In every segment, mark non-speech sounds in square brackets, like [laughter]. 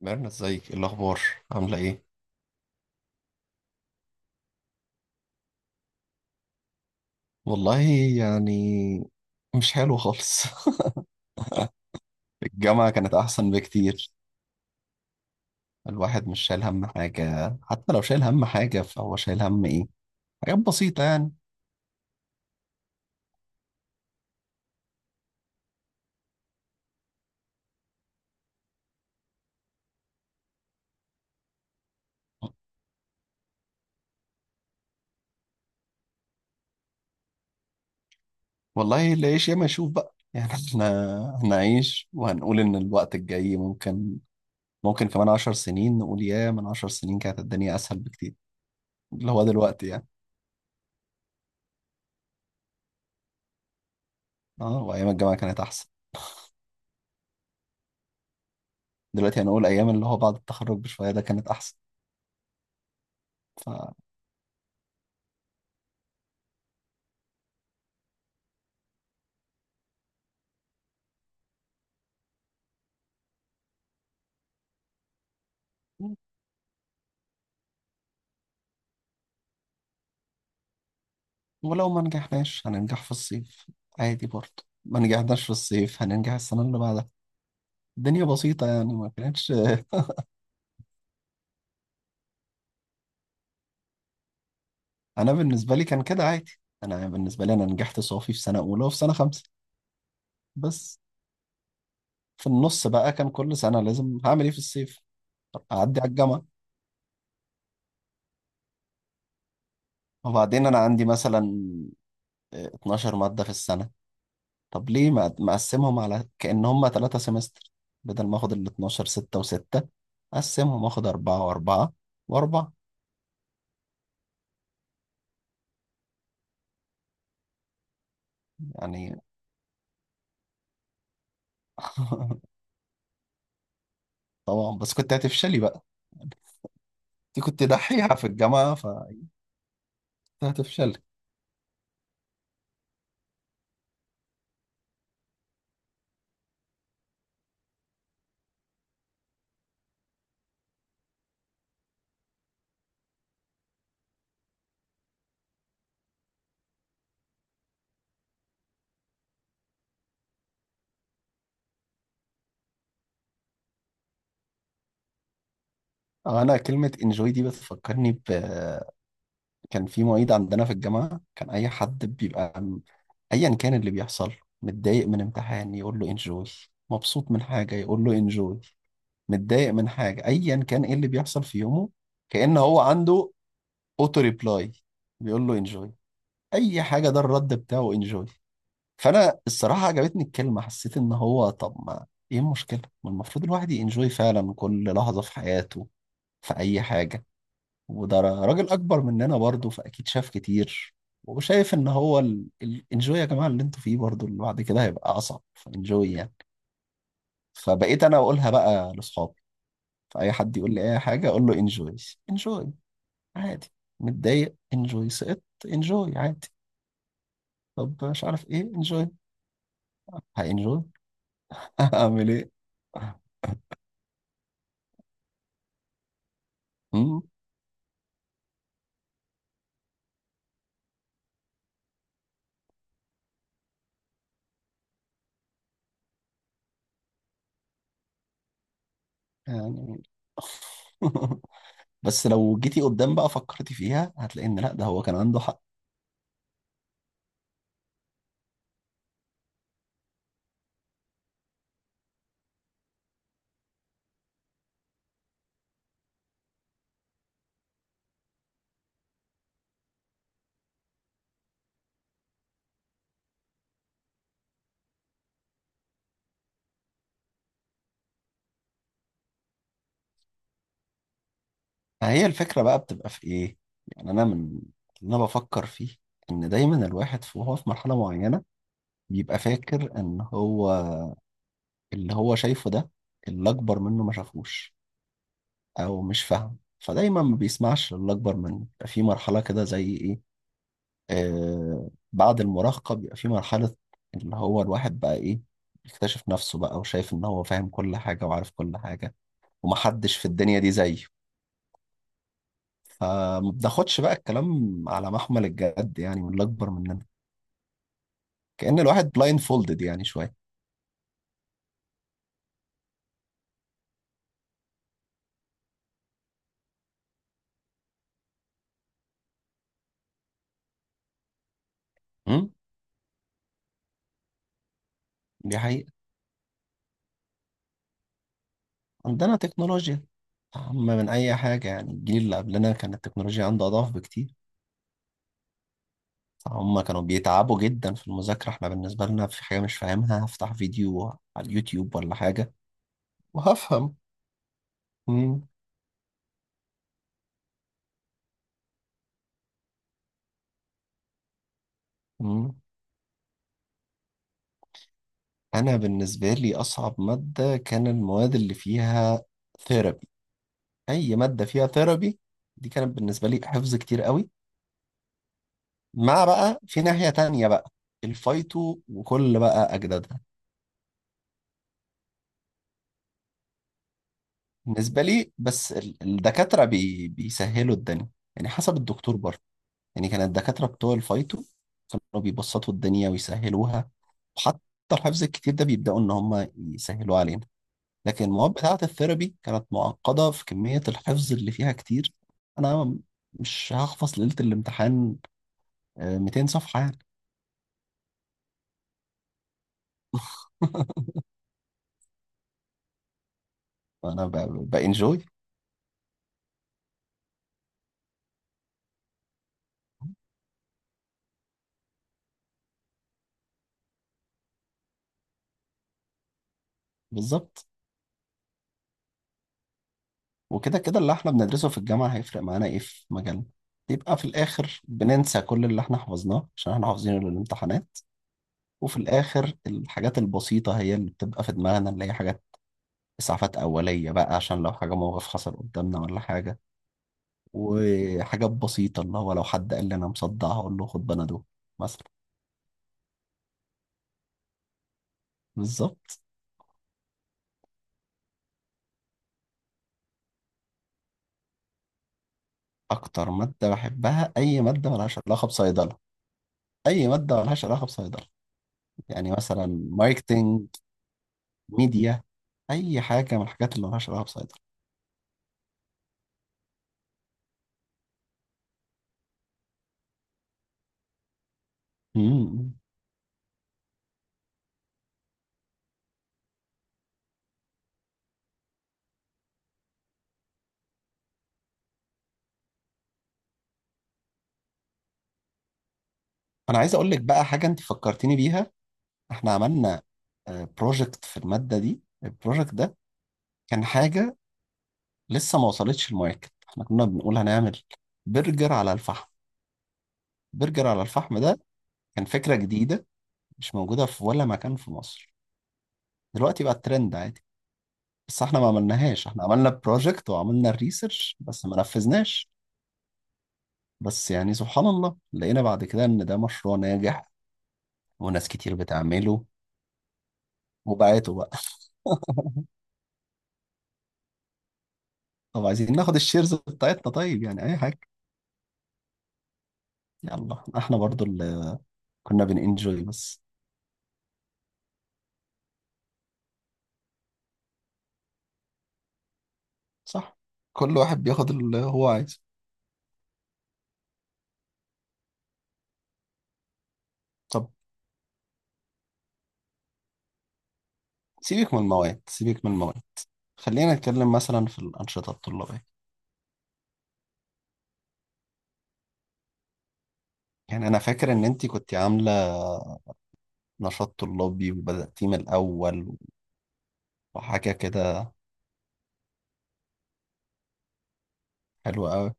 ميرنا، ازيك؟ ايه الاخبار؟ عامله ايه؟ والله، يعني مش حلو خالص. [laughs] الجامعه كانت احسن بكتير. الواحد مش شايل هم حاجه، حتى لو شايل هم حاجه فهو شايل هم ايه؟ حاجات بسيطه يعني. والله، اللي يعيش ياما يشوف بقى يعني. [laughs] احنا هنعيش وهنقول ان الوقت الجاي ممكن كمان 10 سنين نقول يا من 10 سنين كانت الدنيا اسهل بكتير، اللي هو دلوقتي يعني. اه، وايام الجامعه كانت احسن. دلوقتي هنقول ايام اللي هو بعد التخرج بشويه ده كانت احسن. ولو ما نجحناش هننجح في الصيف، عادي. برضه ما نجحناش في الصيف هننجح السنة اللي بعدها. الدنيا بسيطة يعني، ما كانتش. [laughs] أنا بالنسبة لي كان كده عادي. أنا بالنسبة لي أنا نجحت صافي في سنة أولى وفي سنة خمسة بس. في النص بقى كان كل سنة لازم هعمل إيه في الصيف؟ طب أعدي على الجامعة. وبعدين أنا عندي مثلا 12 مادة في السنة، طب ليه ما مقسمهم على كأن هم 3 سمستر؟ بدل ما آخد ال 12 6 و6، أقسمهم آخد أربعة وأربعة وأربعة يعني. [laughs] طبعا، بس كنت هتفشلي بقى انت. كنت دحيحة في الجامعة فكنت هتفشلي. انا كلمة انجوي دي بتفكرني. كان في معيد عندنا في الجامعة، كان اي حد بيبقى ايا كان اللي بيحصل، متضايق من امتحان يقول له انجوي، مبسوط من حاجة يقول له انجوي، متضايق من حاجة ايا كان ايه اللي بيحصل في يومه، كأن هو عنده اوتو ريبلاي بيقول له انجوي. اي حاجة ده الرد بتاعه انجوي. فانا الصراحه عجبتني الكلمه، حسيت ان هو طب ما ايه المشكله، ما المفروض الواحد ينجوي فعلا كل لحظه في حياته، في اي حاجه. وده راجل اكبر مننا برضه، فاكيد شاف كتير وشايف ان هو الانجوي يا جماعه اللي انتوا فيه برضه اللي بعد كده هيبقى اصعب، فانجوي يعني. فبقيت انا اقولها بقى لاصحابي، فاي حد يقول لي اي حاجه اقول له انجوي. انجوي، عادي. متضايق، انجوي. سقطت، انجوي، عادي. طب مش عارف ايه انجوي؟ هانجوي. [laughs] هعمل ايه يعني؟ [laughs] بس لو جيتي قدام بقى فكرتي فيها هتلاقي ان لا، ده هو كان عنده حق. فهي الفكرة بقى بتبقى في ايه؟ يعني انا من اللي انا بفكر فيه ان دايما الواحد وهو في مرحلة معينة بيبقى فاكر ان هو اللي هو شايفه ده اللي اكبر منه ما شافوش، او مش فاهم، فدايما ما بيسمعش. اللي اكبر منه بيبقى في مرحلة كده زي إيه؟ آه، بعد المراهقة بيبقى في مرحلة اللي هو الواحد بقى إيه، يكتشف نفسه بقى وشايف إن هو فاهم كل حاجة وعارف كل حاجة ومحدش في الدنيا دي زيه. فما بناخدش بقى الكلام على محمل الجد يعني من اللي أكبر مننا. كأن الواحد بلايند فولدد يعني شوية. مم؟ دي حقيقة. عندنا تكنولوجيا أهم من أي حاجة. يعني الجيل اللي قبلنا كانت التكنولوجيا عنده أضعاف بكتير. هم كانوا بيتعبوا جدا في المذاكرة، احنا بالنسبة لنا في حاجة مش فاهمها هفتح فيديو على اليوتيوب ولا حاجة وهفهم. مم. مم. أنا بالنسبة لي أصعب مادة كان المواد اللي فيها ثيرابي، أي مادة فيها ثيرابي. دي كانت بالنسبة لي حفظ كتير قوي. مع بقى في ناحية تانية بقى الفايتو وكل بقى أجدادها. بالنسبة لي، بس الدكاترة بيسهلوا الدنيا. يعني حسب الدكتور برضه. يعني كان الدكاترة بتوع الفايتو كانوا بيبسطوا الدنيا ويسهلوها، وحتى الحفظ الكتير ده بيبدأوا إن هم يسهلوا علينا. لكن المواد بتاعة الثيرابي كانت معقدة في كمية الحفظ اللي فيها كتير. أنا مش هحفظ ليلة الامتحان 200 صفحة يعني. [laughs] فأنا بانجوي. بالظبط. وكده كده اللي احنا بندرسه في الجامعة هيفرق معانا ايه في مجالنا؟ يبقى في الآخر بننسى كل اللي احنا حفظناه عشان احنا حافظينه للامتحانات. وفي الآخر الحاجات البسيطة هي اللي بتبقى في دماغنا، اللي هي حاجات إسعافات أولية بقى، عشان لو حاجة موقف حصل قدامنا ولا حاجة، وحاجات بسيطة اللي هو لو حد قال لي أنا مصدعها أقول له خد بنادول مثلا. بالظبط. أكتر مادة بحبها أي مادة ملهاش علاقة بصيدلة. أي مادة ملهاش علاقة بصيدلة. يعني مثلا ماركتينج، ميديا، أي حاجة من الحاجات اللي ملهاش علاقة بصيدلة. مم. أنا عايز أقول لك بقى حاجة أنت فكرتيني بيها. إحنا عملنا بروجكت في المادة دي، البروجكت ده كان حاجة لسه ما وصلتش الماركت. احنا كنا بنقول هنعمل برجر على الفحم. برجر على الفحم ده كان فكرة جديدة، مش موجودة في ولا مكان في مصر. دلوقتي بقى الترند عادي، بس احنا ما عملناهاش. احنا عملنا بروجكت وعملنا الريسيرش بس ما نفذناش. بس يعني سبحان الله لقينا بعد كده ان ده مشروع ناجح وناس كتير بتعمله وبعته بقى. [laughs] طب عايزين ناخد الشيرز بتاعتنا، طيب، يعني اي حاجة. يلا احنا برضو اللي كنا بننجوي بس. صح، كل واحد بياخد اللي هو عايزه. طب سيبك من المواد، سيبك من المواد، خلينا نتكلم مثلا في الأنشطة الطلابية. يعني أنا فاكر إن أنتي كنت عاملة نشاط طلابي وبدأتيه من الأول وحاجة كده، حلوة أوي.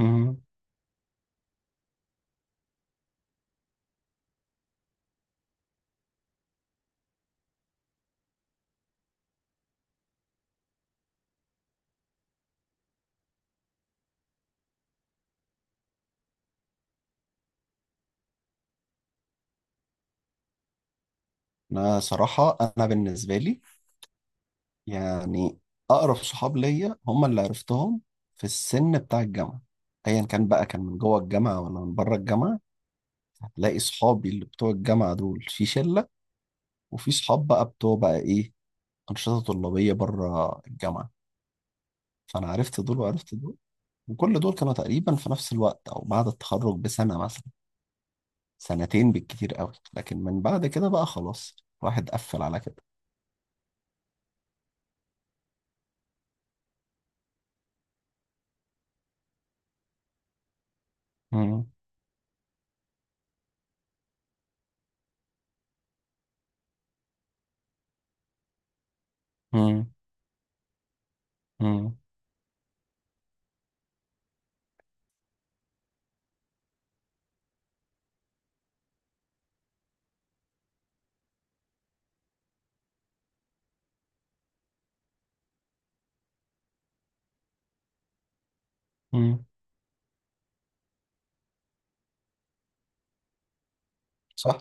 مم. أنا صراحة أنا بالنسبة لي يعني أقرب صحاب ليا هم اللي عرفتهم في السن بتاع الجامعة، أيا كان بقى، كان من جوه الجامعة ولا من بره الجامعة. هتلاقي صحابي اللي بتوع الجامعة دول في شلة، وفي صحاب بقى بتوع بقى إيه، أنشطة طلابية بره الجامعة. فأنا عرفت دول وعرفت دول، وكل دول كانوا تقريبا في نفس الوقت أو بعد التخرج بسنة مثلا، سنتين بالكتير قوي. لكن من بعد كده بقى خلاص الواحد قفل على كده. مم. مم. مم. مم. صح.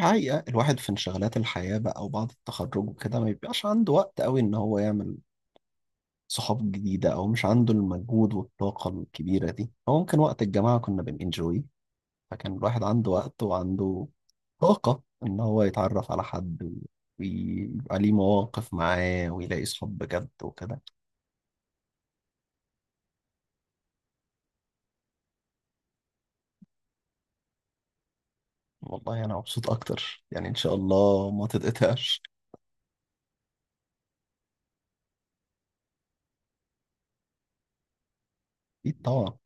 حقيقة الواحد في انشغالات الحياة بقى وبعد التخرج وكده ما بيبقاش عنده وقت قوي ان هو يعمل صحاب جديدة، او مش عنده المجهود والطاقة الكبيرة دي. هو ممكن وقت الجامعة كنا بننجوي، فكان الواحد عنده وقت وعنده طاقة ان هو يتعرف على حد ويبقى ليه مواقف معاه ويلاقي صحاب بجد وكده. والله انا مبسوط اكتر يعني، ان شاء الله ما تتقطعش. اكيد طبعا.